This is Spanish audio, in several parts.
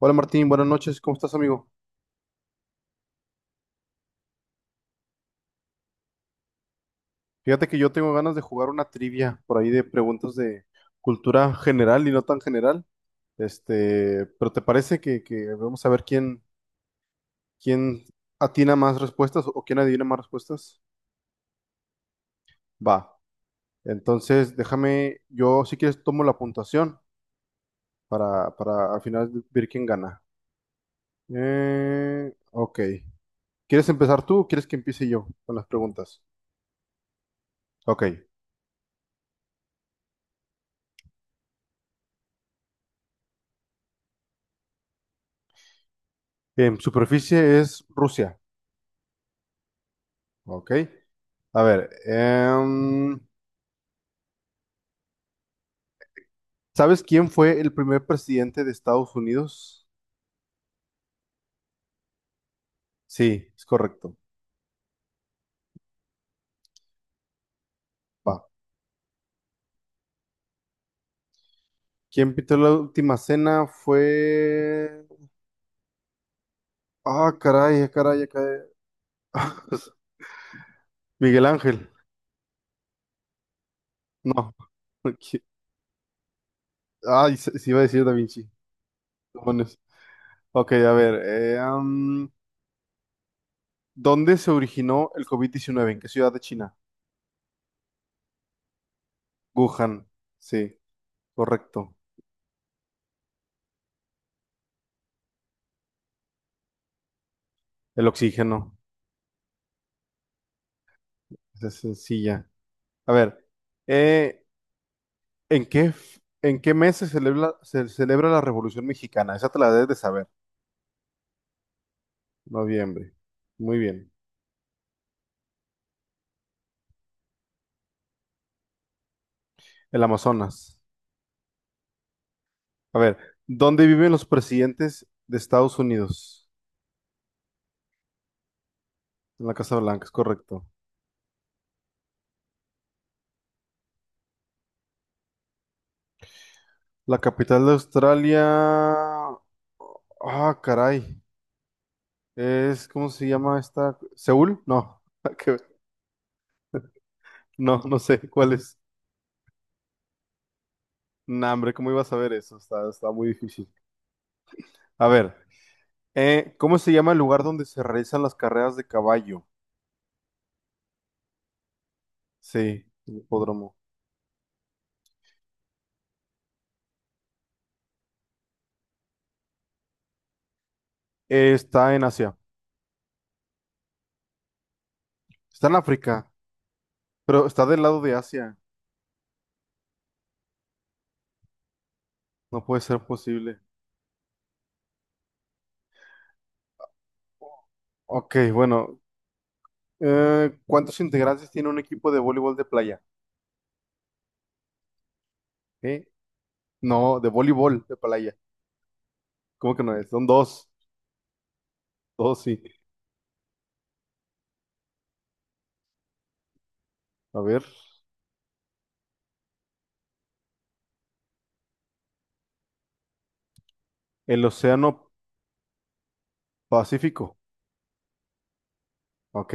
Hola Martín, buenas noches, ¿cómo estás amigo? Fíjate que yo tengo ganas de jugar una trivia por ahí de preguntas de cultura general y no tan general. Este, pero ¿te parece que vamos a ver quién atina más respuestas o quién adivina más respuestas? Va. Entonces, déjame, yo si quieres tomo la puntuación para al final ver quién gana. Ok. ¿Quieres empezar tú o quieres que empiece yo con las preguntas? Ok. Superficie es Rusia. Ok. A ver, ¿sabes quién fue el primer presidente de Estados Unidos? Sí, es correcto. Va. ¿Quién pintó la última cena? Fue... Ah, caray. Miguel Ángel. No. ¿Qui- Ay, se iba a decir Da Vinci. Demonios. Ok, a ver. ¿Dónde se originó el COVID-19? ¿En qué ciudad de China? Wuhan. Sí, correcto. El oxígeno. Esa es sencilla. A ver. eh, ¿En qué, en qué mes se celebra la Revolución Mexicana? Esa te la debes de saber. Noviembre. Muy bien. El Amazonas. A ver, ¿dónde viven los presidentes de Estados Unidos? En la Casa Blanca, es correcto. La capital de Australia. Ah, caray. Es, ¿cómo se llama esta? ¿Seúl? No. que- No, no sé cuál es. Nah, hombre, ¿cómo iba a saber eso? Está muy difícil. A ver, ¿cómo se llama el lugar donde se realizan las carreras de caballo? Sí, el hipódromo. Está en Asia. Está en África, pero está del lado de Asia. No puede ser posible. Ok, bueno. ¿Cuántos integrantes tiene un equipo de voleibol de playa? ¿Eh? No, de voleibol de playa. ¿Cómo que no es? Son dos. Dos, sí. A ver. El Océano Pacífico. Ok.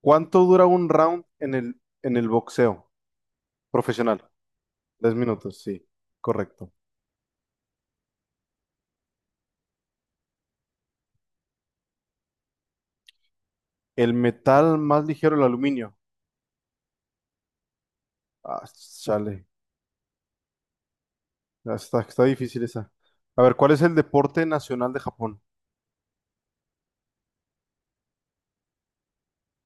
¿Cuánto dura un round en el boxeo profesional? 10 minutos, sí. Correcto. El metal más ligero, el aluminio. Ah, chale. Ah, está difícil esa. A ver, ¿cuál es el deporte nacional de Japón?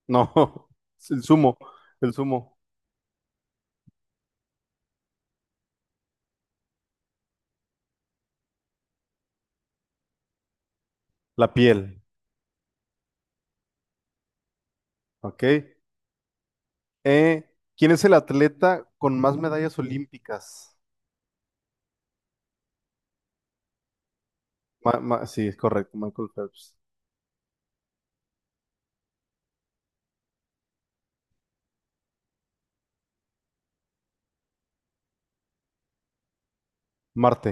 No, es el sumo, la piel, ¿ok? ¿Quién es el atleta con más medallas olímpicas? Sí, es correcto, Michael Phelps. Marte.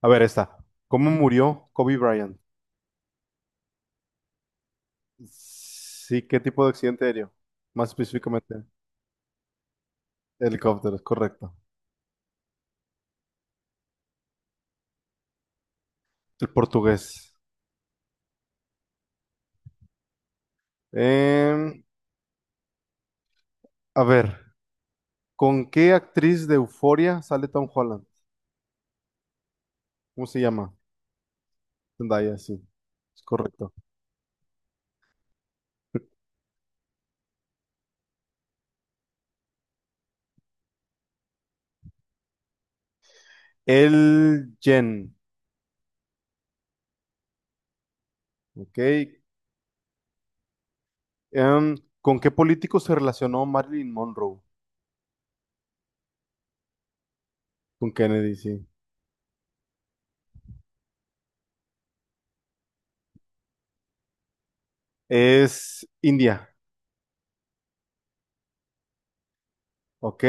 A ver, esta. ¿Cómo murió Kobe Bryant? Sí, ¿qué tipo de accidente aéreo? Más específicamente, helicóptero, es correcto. El portugués. Em, a ver, ¿con qué actriz de Euforia sale Tom Holland? ¿Cómo se llama? Zendaya, sí. Es correcto. El Jen. Ok. Em, ¿Con qué político se relacionó Marilyn Monroe? Con Kennedy, sí. Es India. Ok.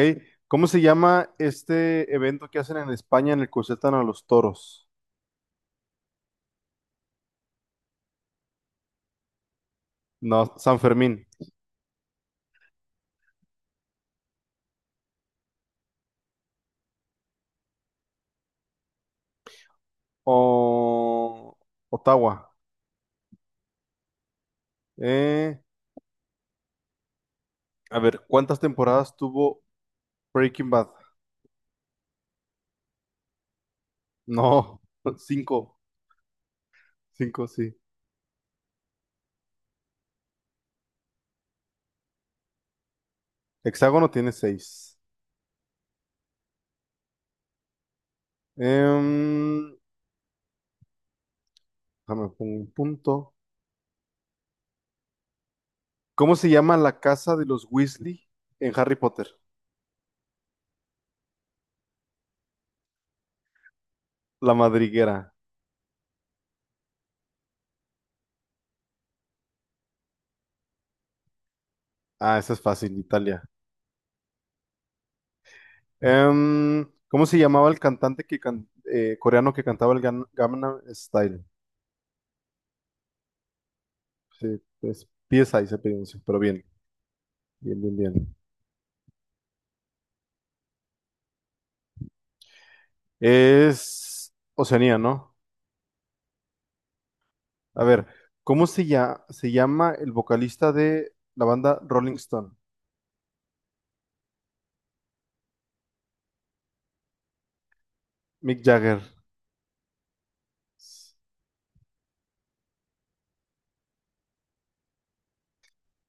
¿Cómo se llama este evento que hacen en España en el que sueltan a los toros? No, San Fermín. O Ottawa. Eh, a ver, ¿cuántas temporadas tuvo Breaking Bad? No, cinco. Cinco, sí. Hexágono tiene seis. Em, déjame pongo un punto. ¿Cómo se llama la casa de los Weasley en Harry Potter? La Madriguera. Ah, esa es fácil, Italia. ¿Cómo se llamaba el cantante que coreano que cantaba el Gangnam Style? Sí, es PSI se pronuncia, pero bien. Es Oceanía, ¿no? A ver, ¿se llama el vocalista de la banda Rolling Stone? Mick Jagger.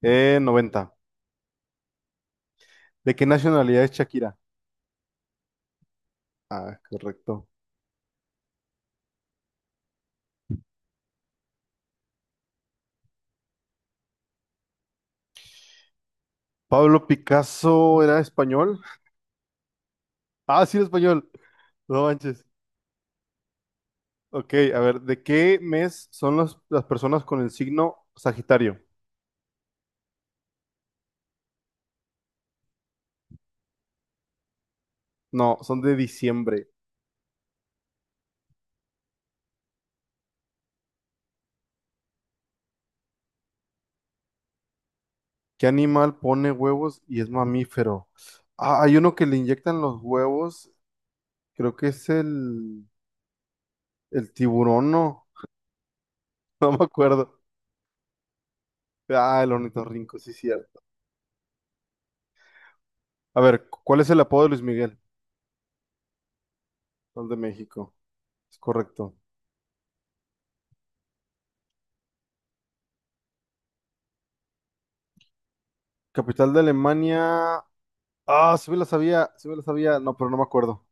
90. ¿De qué nacionalidad es Shakira? Ah, correcto. Pablo Picasso era español. Ah, sí, era español. No manches. Ok, a ver, ¿de qué mes son las personas con el signo Sagitario? No, son de diciembre. ¿Qué animal pone huevos y es mamífero? Ah, hay uno que le inyectan los huevos. Creo que es el tiburón, ¿no? No me acuerdo. Ah, el ornitorrinco, sí, cierto. A ver, ¿cuál es el apodo de Luis Miguel? Son de México. Es correcto. Capital de Alemania. Ah, sí me la sabía, no, pero no me acuerdo.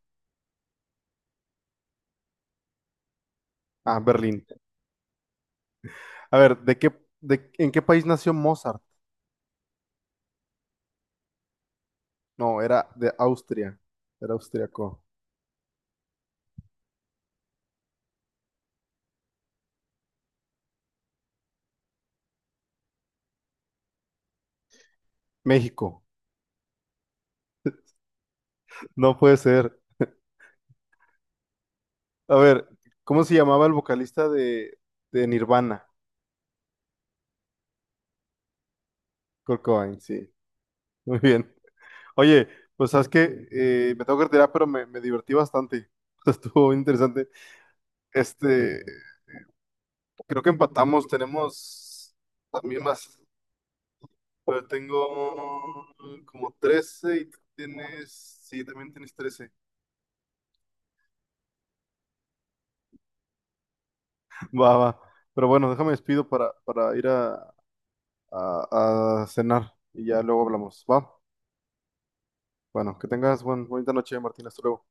Ah, Berlín. A ver, ¿en qué país nació Mozart? No, era de Austria, era austriaco. México, no puede ser. A ver, ¿cómo se llamaba el vocalista de Nirvana? Kurt Cobain, sí, muy bien. Oye, pues sabes que me tengo que retirar, pero me divertí bastante. Estuvo interesante. Este, creo que empatamos, tenemos las mismas. Pero tengo como 13 y tú tienes... Sí, también tienes 13. Va, va. Pero bueno, déjame despido para ir a cenar y ya luego hablamos. Va. Bueno, que tengas buen, bonita noche, Martín. Hasta luego.